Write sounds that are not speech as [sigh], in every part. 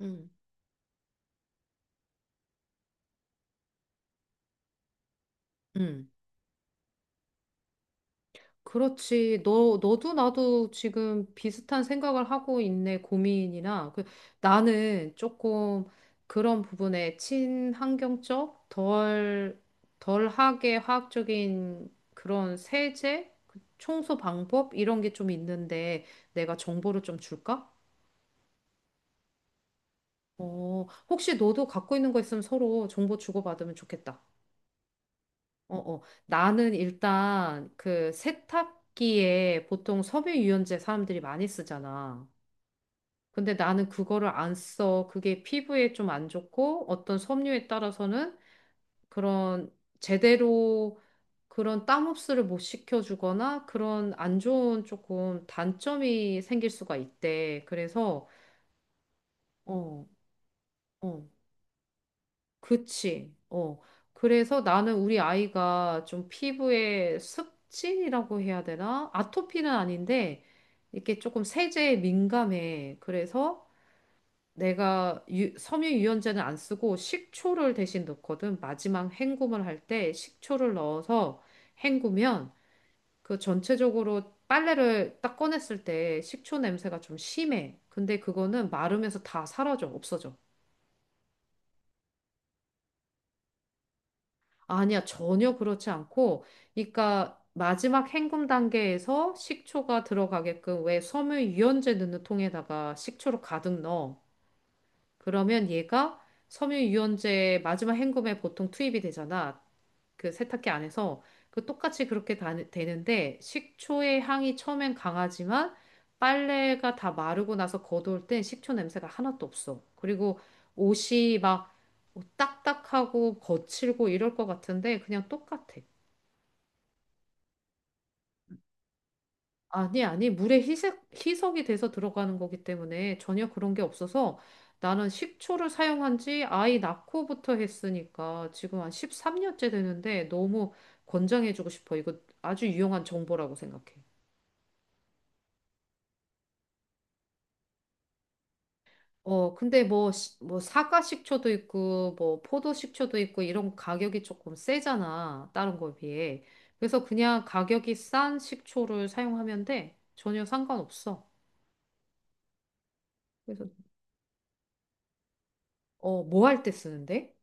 음, 음. 그렇지. 너도 나도 지금 비슷한 생각을 하고 있네, 고민이나. 그, 나는 조금 그런 부분에 친환경적, 덜하게 화학적인 그런 세제, 그 청소 방법, 이런 게 좀 있는데 내가 정보를 좀 줄까? 어, 혹시 너도 갖고 있는 거 있으면 서로 정보 주고받으면 좋겠다. 어, 어. 나는 일단 그 세탁기에 보통 섬유 유연제 사람들이 많이 쓰잖아. 근데 나는 그거를 안 써. 그게 피부에 좀 안 좋고 어떤 섬유에 따라서는 그런 제대로 그런 땀 흡수를 못 시켜주거나 그런 안 좋은 조금 단점이 생길 수가 있대. 그래서 어, 어. 그치. 어. 그래서 나는 우리 아이가 좀 피부에 습진이라고 해야 되나? 아토피는 아닌데, 이렇게 조금 세제에 민감해. 그래서 내가 섬유 유연제는 안 쓰고 식초를 대신 넣거든. 마지막 헹굼을 할 때 식초를 넣어서 헹구면 그 전체적으로 빨래를 딱 꺼냈을 때 식초 냄새가 좀 심해. 근데 그거는 마르면서 다 사라져, 없어져. 아니야, 전혀 그렇지 않고, 그러니까 마지막 헹굼 단계에서 식초가 들어가게끔 왜 섬유유연제 넣는 통에다가 식초를 가득 넣어. 그러면 얘가 섬유유연제 마지막 헹굼에 보통 투입이 되잖아. 그 세탁기 안에서 그 똑같이 그렇게 다, 되는데 식초의 향이 처음엔 강하지만 빨래가 다 마르고 나서 걷어올 땐 식초 냄새가 하나도 없어. 그리고 옷이 막 딱딱하고 거칠고 이럴 것 같은데 그냥 똑같아. 아니, 아니, 물에 희석이 돼서 들어가는 거기 때문에 전혀 그런 게 없어서 나는 식초를 사용한 지 아이 낳고부터 했으니까 지금 한 13년째 되는데 너무 권장해주고 싶어. 이거 아주 유용한 정보라고 생각해. 어, 근데 뭐, 뭐, 사과 식초도 있고, 뭐, 포도 식초도 있고, 이런 가격이 조금 세잖아. 다른 거에 비해. 그래서 그냥 가격이 싼 식초를 사용하면 돼. 전혀 상관없어. 그래서, 어, 뭐할 때 쓰는데?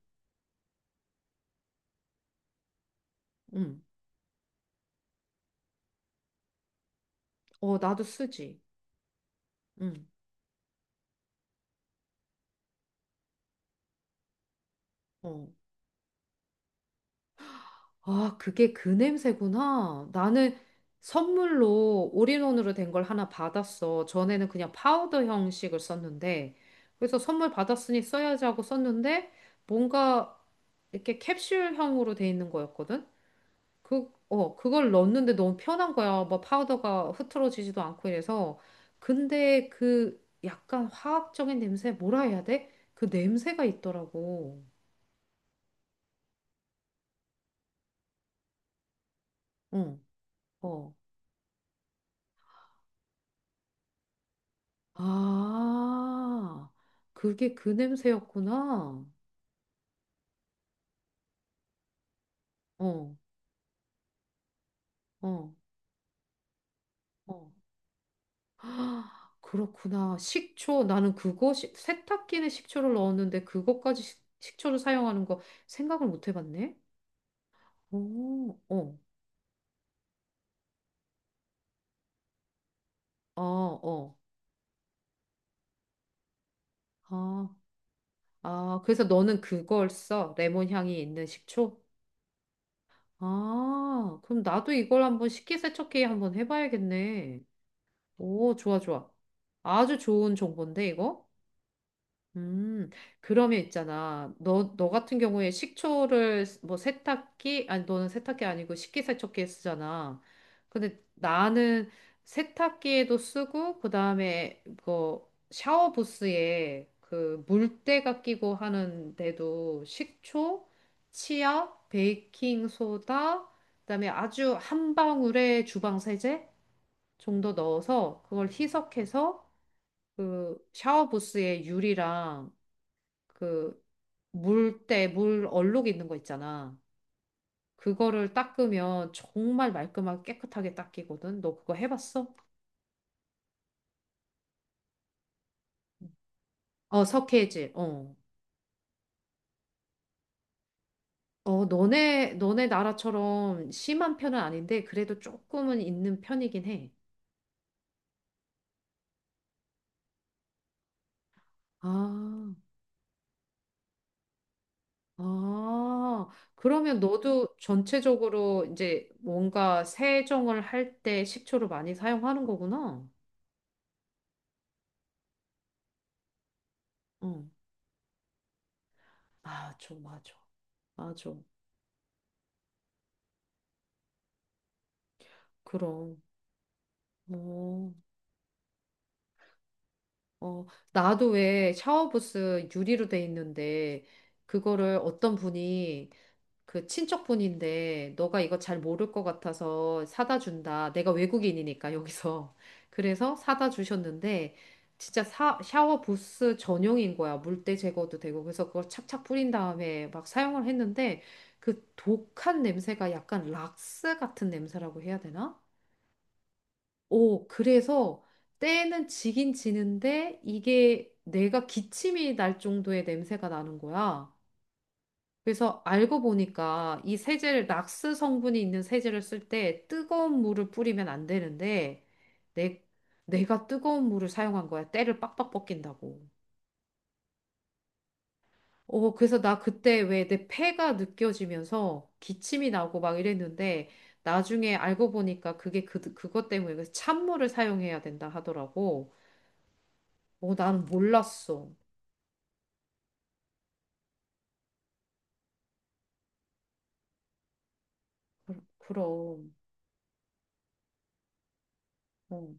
응. 어, 나도 쓰지. 응. 어. 아, 그게 그 냄새구나. 나는 선물로 올인원으로 된 걸 하나 받았어. 전에는 그냥 파우더 형식을 썼는데, 그래서 선물 받았으니 써야지 하고 썼는데, 뭔가 이렇게 캡슐형으로 돼 있는 거였거든? 그, 어, 그걸 넣었는데 너무 편한 거야. 뭐 파우더가 흐트러지지도 않고 이래서. 근데 그 약간 화학적인 냄새, 뭐라 해야 돼? 그 냄새가 있더라고. 응. 어. 아, 그게 그 냄새였구나. 어, 어, 어. 아, 그렇구나. 식초. 나는 그거, 세탁기는 식초를 넣었는데 그것까지 식초를 사용하는 거 생각을 못 해봤네. 오, 어, 어, 어. 아, 아, 그래서 너는 그걸 써. 레몬 향이 있는 식초? 아, 그럼 나도 이걸 한번 식기세척기에 한번 해봐야겠네. 오, 좋아, 좋아. 아주 좋은 정보인데, 이거? 음, 그러면 있잖아. 너 같은 경우에 식초를 뭐 세탁기, 아니, 너는 세탁기 아니고 식기세척기에 쓰잖아. 근데 나는 세탁기에도 쓰고, 그 다음에 그 샤워부스에 그 물때가 끼고 하는 데도 식초, 치약, 베이킹소다, 그다음에 아주 한 방울의 주방세제 정도 넣어서 그걸 희석해서 그 샤워부스에 유리랑 그 물때, 물 얼룩 있는 거 있잖아. 그거를 닦으면 정말 말끔하게 깨끗하게 닦이거든. 너 그거 해봤어? 어, 석회질. 어. 어, 너네 나라처럼 심한 편은 아닌데, 그래도 조금은 있는 편이긴 해. 아, 아. 그러면 너도 전체적으로 이제 뭔가 세정을 할 때 식초를 많이 사용하는 거구나. 응. 아, 좀 맞아. 맞아. 그럼. 어. 어, 나도 왜 샤워부스 유리로 돼 있는데, 그거를 어떤 분이, 그 친척분인데, 너가 이거 잘 모를 것 같아서 사다 준다. 내가 외국인이니까, 여기서. [laughs] 그래서 사다 주셨는데, 진짜 샤워부스 전용인 거야. 물때 제거도 되고. 그래서 그걸 착착 뿌린 다음에 막 사용을 했는데, 그 독한 냄새가 약간 락스 같은 냄새라고 해야 되나? 오, 그래서 때는 지긴 지는데 이게 내가 기침이 날 정도의 냄새가 나는 거야. 그래서 알고 보니까 이 세제를 낙스 성분이 있는 세제를 쓸 때 뜨거운 물을 뿌리면 안 되는데 내, 내가 뜨거운 물을 사용한 거야. 때를 빡빡 벗긴다고. 어, 그래서 나 그때 왜 내 폐가 느껴지면서 기침이 나고 막 이랬는데 나중에 알고 보니까 그게 그것 때문에 그래서 찬물을 사용해야 된다 하더라고. 어, 난 몰랐어. 그럼. 어.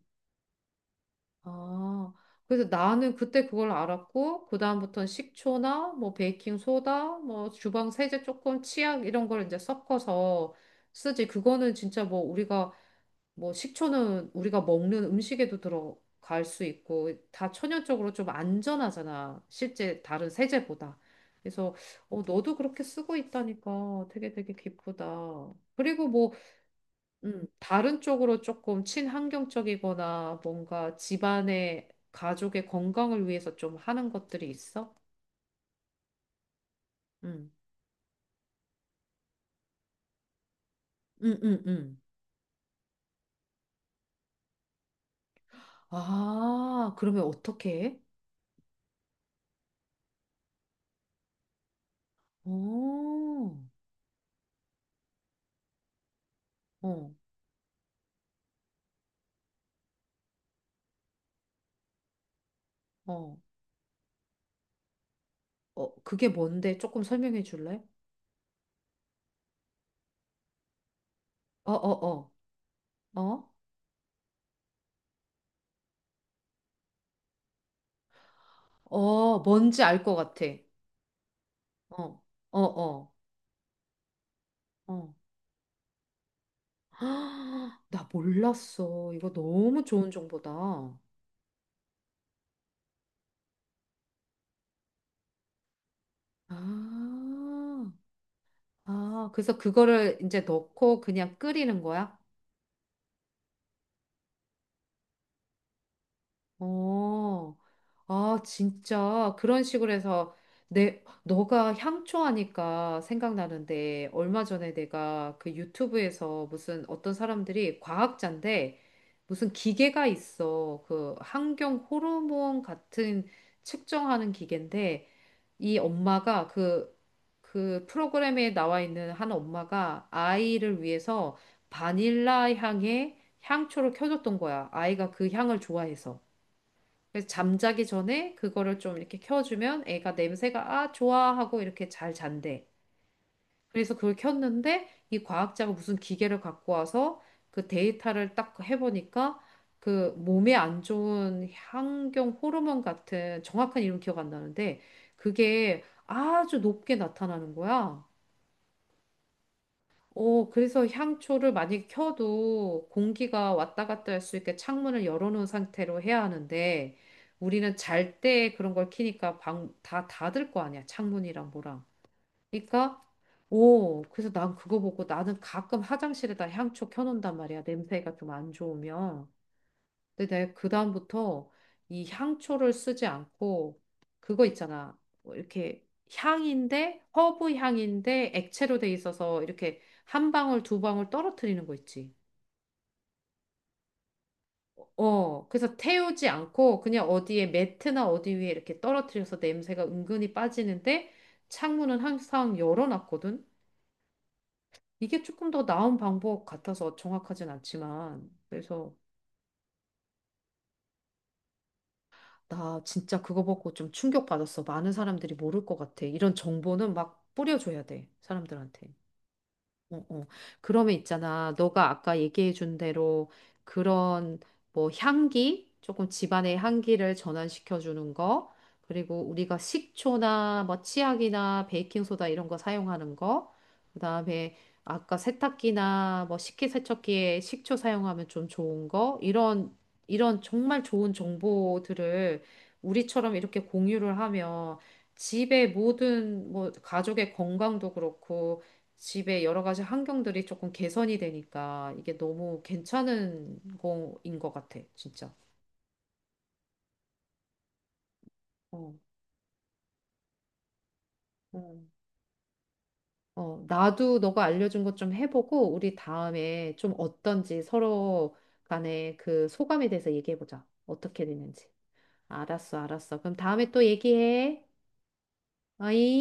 아, 그래서 나는 그때 그걸 알았고, 그다음부터는 식초나, 뭐, 베이킹소다, 뭐, 주방 세제 조금, 치약, 이런 걸 이제 섞어서 쓰지. 그거는 진짜 뭐, 우리가, 뭐, 식초는 우리가 먹는 음식에도 들어갈 수 있고, 다 천연적으로 좀 안전하잖아. 실제 다른 세제보다. 그래서, 어, 너도 그렇게 쓰고 있다니까 되게 되게 기쁘다. 그리고 뭐, 다른 쪽으로 조금 친환경적이거나 뭔가 집안의 가족의 건강을 위해서 좀 하는 것들이 있어? 음, 음, 음, 음. 아, 그러면 어떻게 해? 오, 어, 어, 어, 그게 뭔데? 조금 설명해 줄래? 어, 어, 어, 어, 어, 뭔지 알 것 같아. 어, 어, 어, 어. [gasps] 헉, 나 몰랐어. 이거 너무 좋은 정보다. 아. 아, 그래서 그거를 이제 넣고 그냥 끓이는 거야? 어, 아, 진짜. 그런 식으로 해서 내, 너가 향초 하니까 생각나는데, 얼마 전에 내가 그 유튜브에서 무슨 어떤 사람들이 과학자인데, 무슨 기계가 있어. 그 환경 호르몬 같은 측정하는 기계인데, 이 엄마가 그, 그 프로그램에 나와 있는 한 엄마가 아이를 위해서 바닐라 향의 향초를 켜줬던 거야. 아이가 그 향을 좋아해서. 그래서 잠자기 전에 그거를 좀 이렇게 켜주면 애가 냄새가 아, 좋아 하고 이렇게 잘 잔대. 그래서 그걸 켰는데 이 과학자가 무슨 기계를 갖고 와서 그 데이터를 딱 해보니까 그 몸에 안 좋은 환경 호르몬 같은 정확한 이름 기억 안 나는데 그게 아주 높게 나타나는 거야. 어, 그래서 향초를 만약에 켜도 공기가 왔다 갔다 할 수 있게 창문을 열어놓은 상태로 해야 하는데 우리는 잘 때 그런 걸 키니까 방, 다 닫을 거 아니야. 창문이랑 뭐랑. 그러니까 오 그래서 난 그거 보고 나는 가끔 화장실에다 향초 켜놓는단 말이야 냄새가 좀 안 좋으면 근데 내가 그다음부터 이 향초를 쓰지 않고 그거 있잖아 뭐 이렇게 향인데 허브 향인데 액체로 돼 있어서 이렇게 한 방울 두 방울 떨어뜨리는 거 있지 어 그래서 태우지 않고 그냥 어디에 매트나 어디 위에 이렇게 떨어뜨려서 냄새가 은근히 빠지는데 창문은 항상 열어놨거든 이게 조금 더 나은 방법 같아서 정확하진 않지만, 그래서 나 진짜 그거 보고 좀 충격받았어. 많은 사람들이 모를 것 같아. 이런 정보는 막 뿌려줘야 돼, 사람들한테. 어, 어. 그러면 있잖아. 너가 아까 얘기해 준 대로 그런 뭐 향기, 조금 집안의 향기를 전환시켜 주는 거, 그리고 우리가 식초나 뭐 치약이나 베이킹소다 이런 거 사용하는 거, 그다음에 아까 세탁기나 뭐 식기세척기에 식초 사용하면 좀 좋은 거, 이런 정말 좋은 정보들을 우리처럼 이렇게 공유를 하면 집의 모든 뭐 가족의 건강도 그렇고 집의 여러 가지 환경들이 조금 개선이 되니까 이게 너무 괜찮은 거인 것 같아, 진짜. 어. 음. 어, 어, 나도 너가 알려준 것 좀 해보고, 우리 다음에 좀 어떤지 서로 간에 그 소감에 대해서 얘기해보자. 어떻게 됐는지. 알았어, 알았어. 그럼 다음에 또 얘기해. 어이?